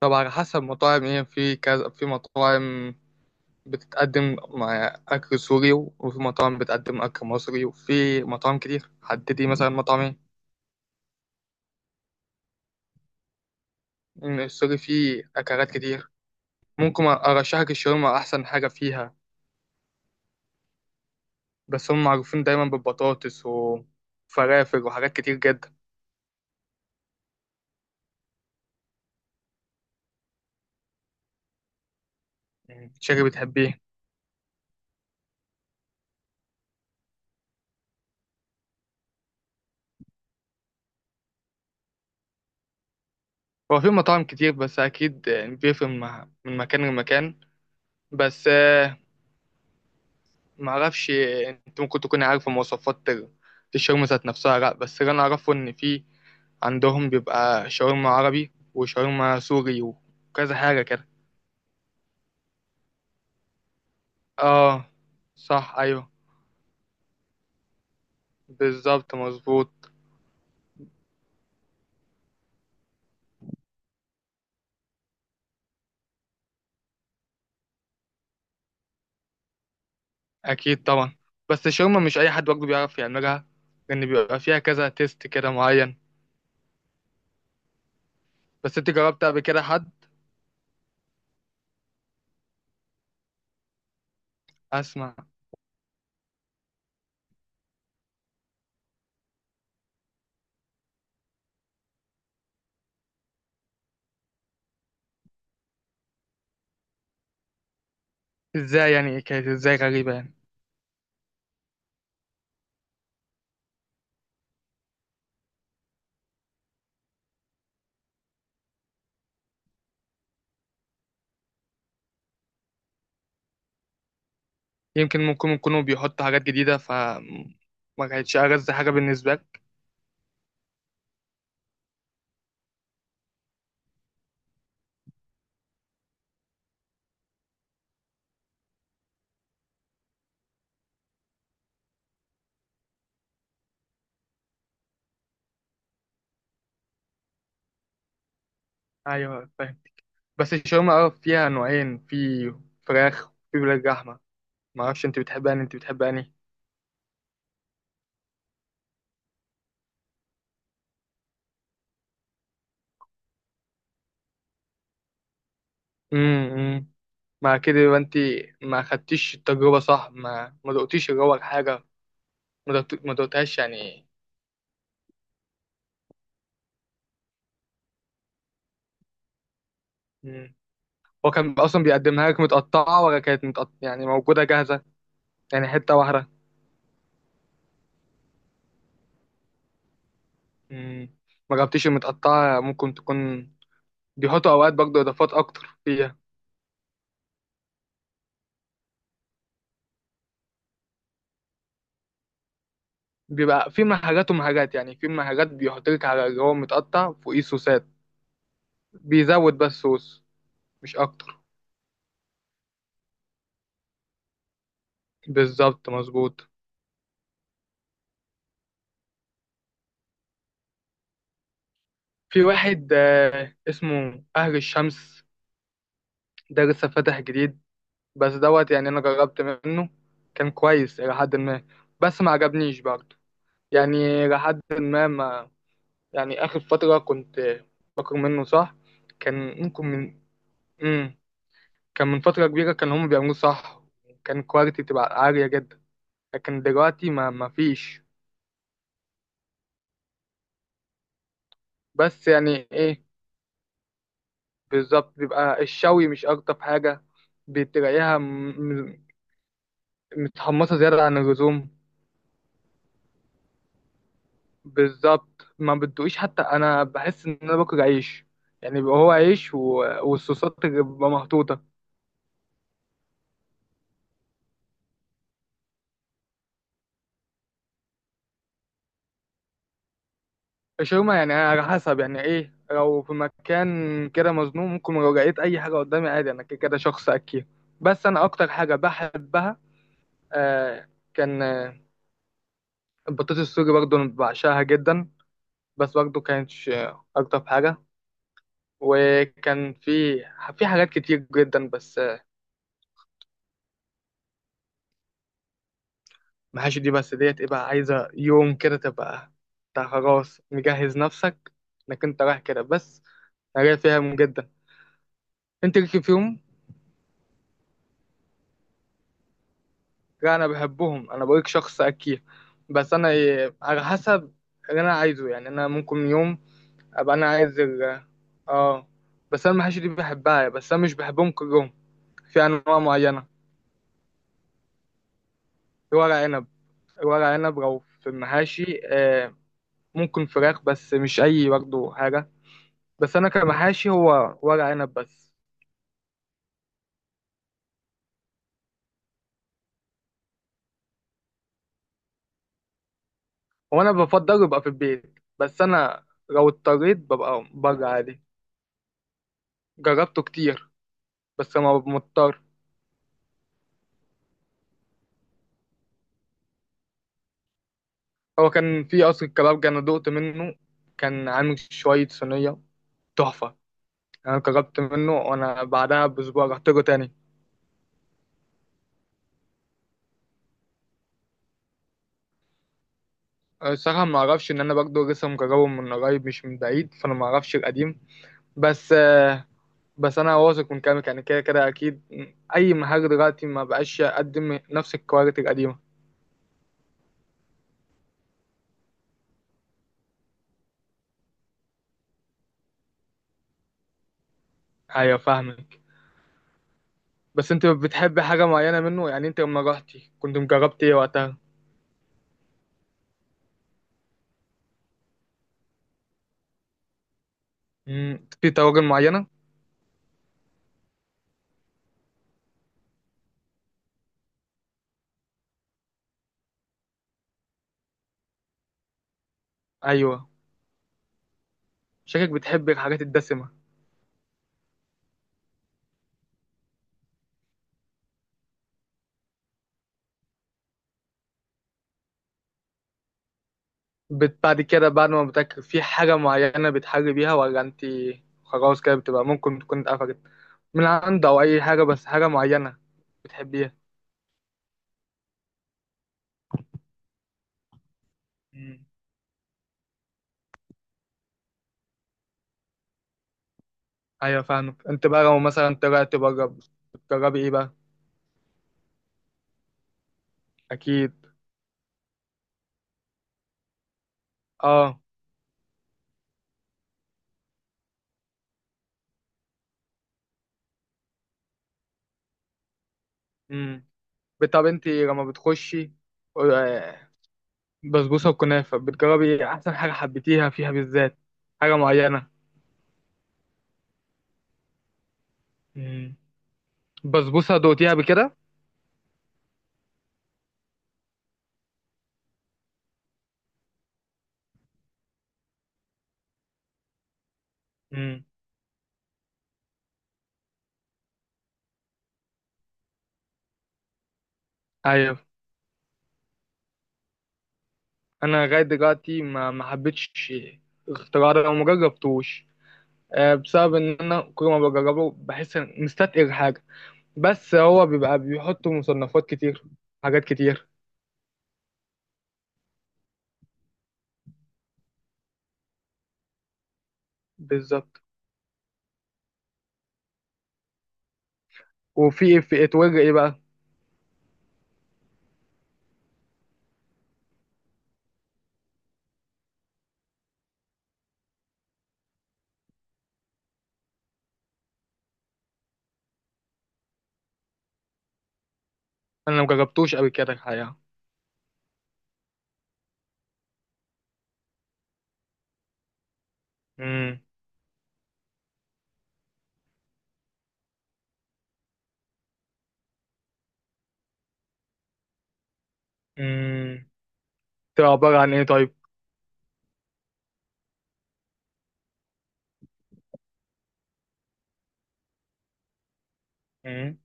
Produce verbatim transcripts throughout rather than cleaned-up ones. طب على حسب مطاعم ايه، في كذا، في مطاعم بتتقدم مع أكل سوري، وفي مطاعم بتقدم أكل مصري، وفي مطاعم كتير. حددي مثلا مطاعم ايه. إن السوري فيه أكلات كتير. ممكن أرشحك الشاورما أحسن حاجة فيها، بس هم معروفين دايما بالبطاطس وفرافل وحاجات كتير جدا. شكلك بتحبيه. هو في مطاعم كتير، بس أكيد بيفرق مع- من مكان لمكان. بس معرفش، انت ممكن تكون عارف مواصفات الشاورما ذات نفسها. لا، بس اللي انا اعرفه ان في عندهم بيبقى شاورما عربي وشاورما سوري وكذا حاجة كده. اه، صح ايوه. بالظبط مظبوط. اكيد طبعا. بس الشاورما مش اي حد برضه بيعرف يعملها، لان بيبقى فيها كذا تيست كده معين. بس انت جربت قبل كده حد. اسمع. ازاي يعني، كانت ازاي غريبة يعني. يمكن ممكن يكونوا بيحطوا حاجات جديدة، فما كانتش ألذ حاجة بالنسبة لك. ايوه فاهم. بس الشاورما اه فيها نوعين، في فراخ وفي ولاد لحمة. ما اعرفش انت بتحب انهي، انت بتحب انهي. امم، مع كده يبقى انت ما خدتيش التجربة صح، ما ما دقتيش اللي هو الحاجة، ما دقت- ما دقتهاش يعني. مم. هو كان اصلا بيقدمها لك متقطعة، ولا كانت متقطعة يعني موجودة جاهزة، يعني حتة واحدة. مم. ما جبتيش المتقطعة، ممكن تكون بيحطوا اوقات برضه اضافات اكتر فيها. بيبقى في محلات ومحلات، يعني في محلات بيحط لك على اللي هو متقطع فوقيه صوصات، بيزود بس صوص مش اكتر. بالظبط مظبوط. في واحد آه، اسمه اهل الشمس، ده لسه فاتح جديد. بس دوت يعني انا جربت منه، كان كويس الى حد ما، بس ما عجبنيش برضه يعني، الى حد ما، ما يعني. اخر فترة كنت آه، باكل منه صح. كان ممكن من، مم. كان من فترة كبيرة كان هم بيعملوه صح، كان كواليتي تبقى عالية جدا، لكن دلوقتي ما ما فيش. بس يعني ايه، بالظبط بيبقى الشوي مش ألطف حاجة، بتلاقيها م- م- متحمصة زيادة عن اللزوم. بالظبط، ما بتدوقيش، حتى أنا بحس إن أنا باكل عيش، يعني بيبقى هو عيش و... والصوصات اللي بتبقى محطوطة. الشاورما يعني على حسب، يعني إيه، لو في مكان كده مظلوم ممكن لو لقيت أي حاجة قدامي عادي، أنا كده كده شخص أكيد. بس أنا أكتر حاجة بحبها، آه كان آه، البطاطس السوري برضه أنا بعشقها جدا، بس برضه كانتش آه، أكتر حاجة. وكان في في حاجات كتير جدا بس. محاشي دي بس ديت ايه بقى، عايزة يوم كده تبقى انت خلاص مجهز نفسك انك انت رايح كده بس. انا فيهم جدا. انت ليك فيهم. لا انا بحبهم، انا بقولك شخص اكيد، بس انا إيه، على حسب اللي انا عايزه، يعني انا ممكن يوم ابقى انا عايز ال- اه. بس انا المحاشي دي بحبها، بس انا مش بحبهم كلهم، في انواع معينة. الورق عنب، الورق عنب لو في المحاشي آه، ممكن فراخ، بس مش اي برضه حاجه، بس انا كمحاشي هو ورق عنب بس. هو انا بفضل يبقى في البيت، بس انا لو اضطريت ببقى بره عادي. جربته كتير، بس ما ببقى مضطر. هو كان في قصر الكبابجي انا دقت منه، كان عامل شويه صينيه تحفه، انا جربت منه، وانا بعدها باسبوع رحت له تاني. الصراحه ما اعرفش، ان انا برضه لسه مجربه من قريب مش من بعيد، فانا ما اعرفش القديم بس. بس انا واثق من كلامك، يعني كده كده اكيد اي مهاجر دلوقتي ما بقاش يقدم نفس الكواليتي القديمه. ايوه فاهمك. بس انت بتحب حاجه معينه منه يعني، انت لما رحتي كنت مجربت ايه وقتها. مم، في طواجن معينه. ايوه، شكلك بتحب الحاجات الدسمه. بت- بعد كده، بعد ما بتاكل في حاجه معينه بتحلي بيها، ولا انت خلاص كده بتبقى ممكن تكون اتقفلت من عند، او اي حاجه بس حاجه معينه بتحبيها. مم. ايوه فاهمك. انت بقى لو مثلا طلعت بره بتجربي ايه بقى. اكيد. اه. امم. طب انت لما بتخشي آه، بسبوسه وكنافه، بتجربي احسن حاجه حبيتيها فيها بالذات، حاجه معينه. امم. بسبوسه دوقتيها قبل كده. امم. ايوه. انا لغايه دلوقتي ما ما حبيتش الاختراع ده وما جربتوش آه، بسبب ان انا كل ما بجربه بحس ان مستتقل حاجه، بس هو بيبقى بيحطوا مصنفات كتير، حاجات كتير. بالظبط. وفي في اتوجه ايه بقى. انا ما جربتوش قبل كده الحقيقه. امم. تبقى عبارة عن إيه طيب؟ مم.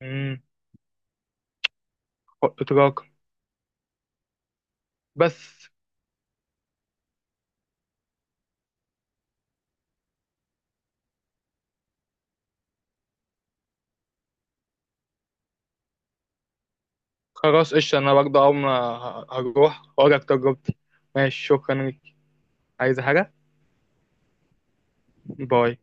مم. إدراك بس. خلاص قشطة، أنا برضه أول ما ه- هروح وأقولك تجربتي. ماشي شكرا ليك. عايز حاجة؟ باي.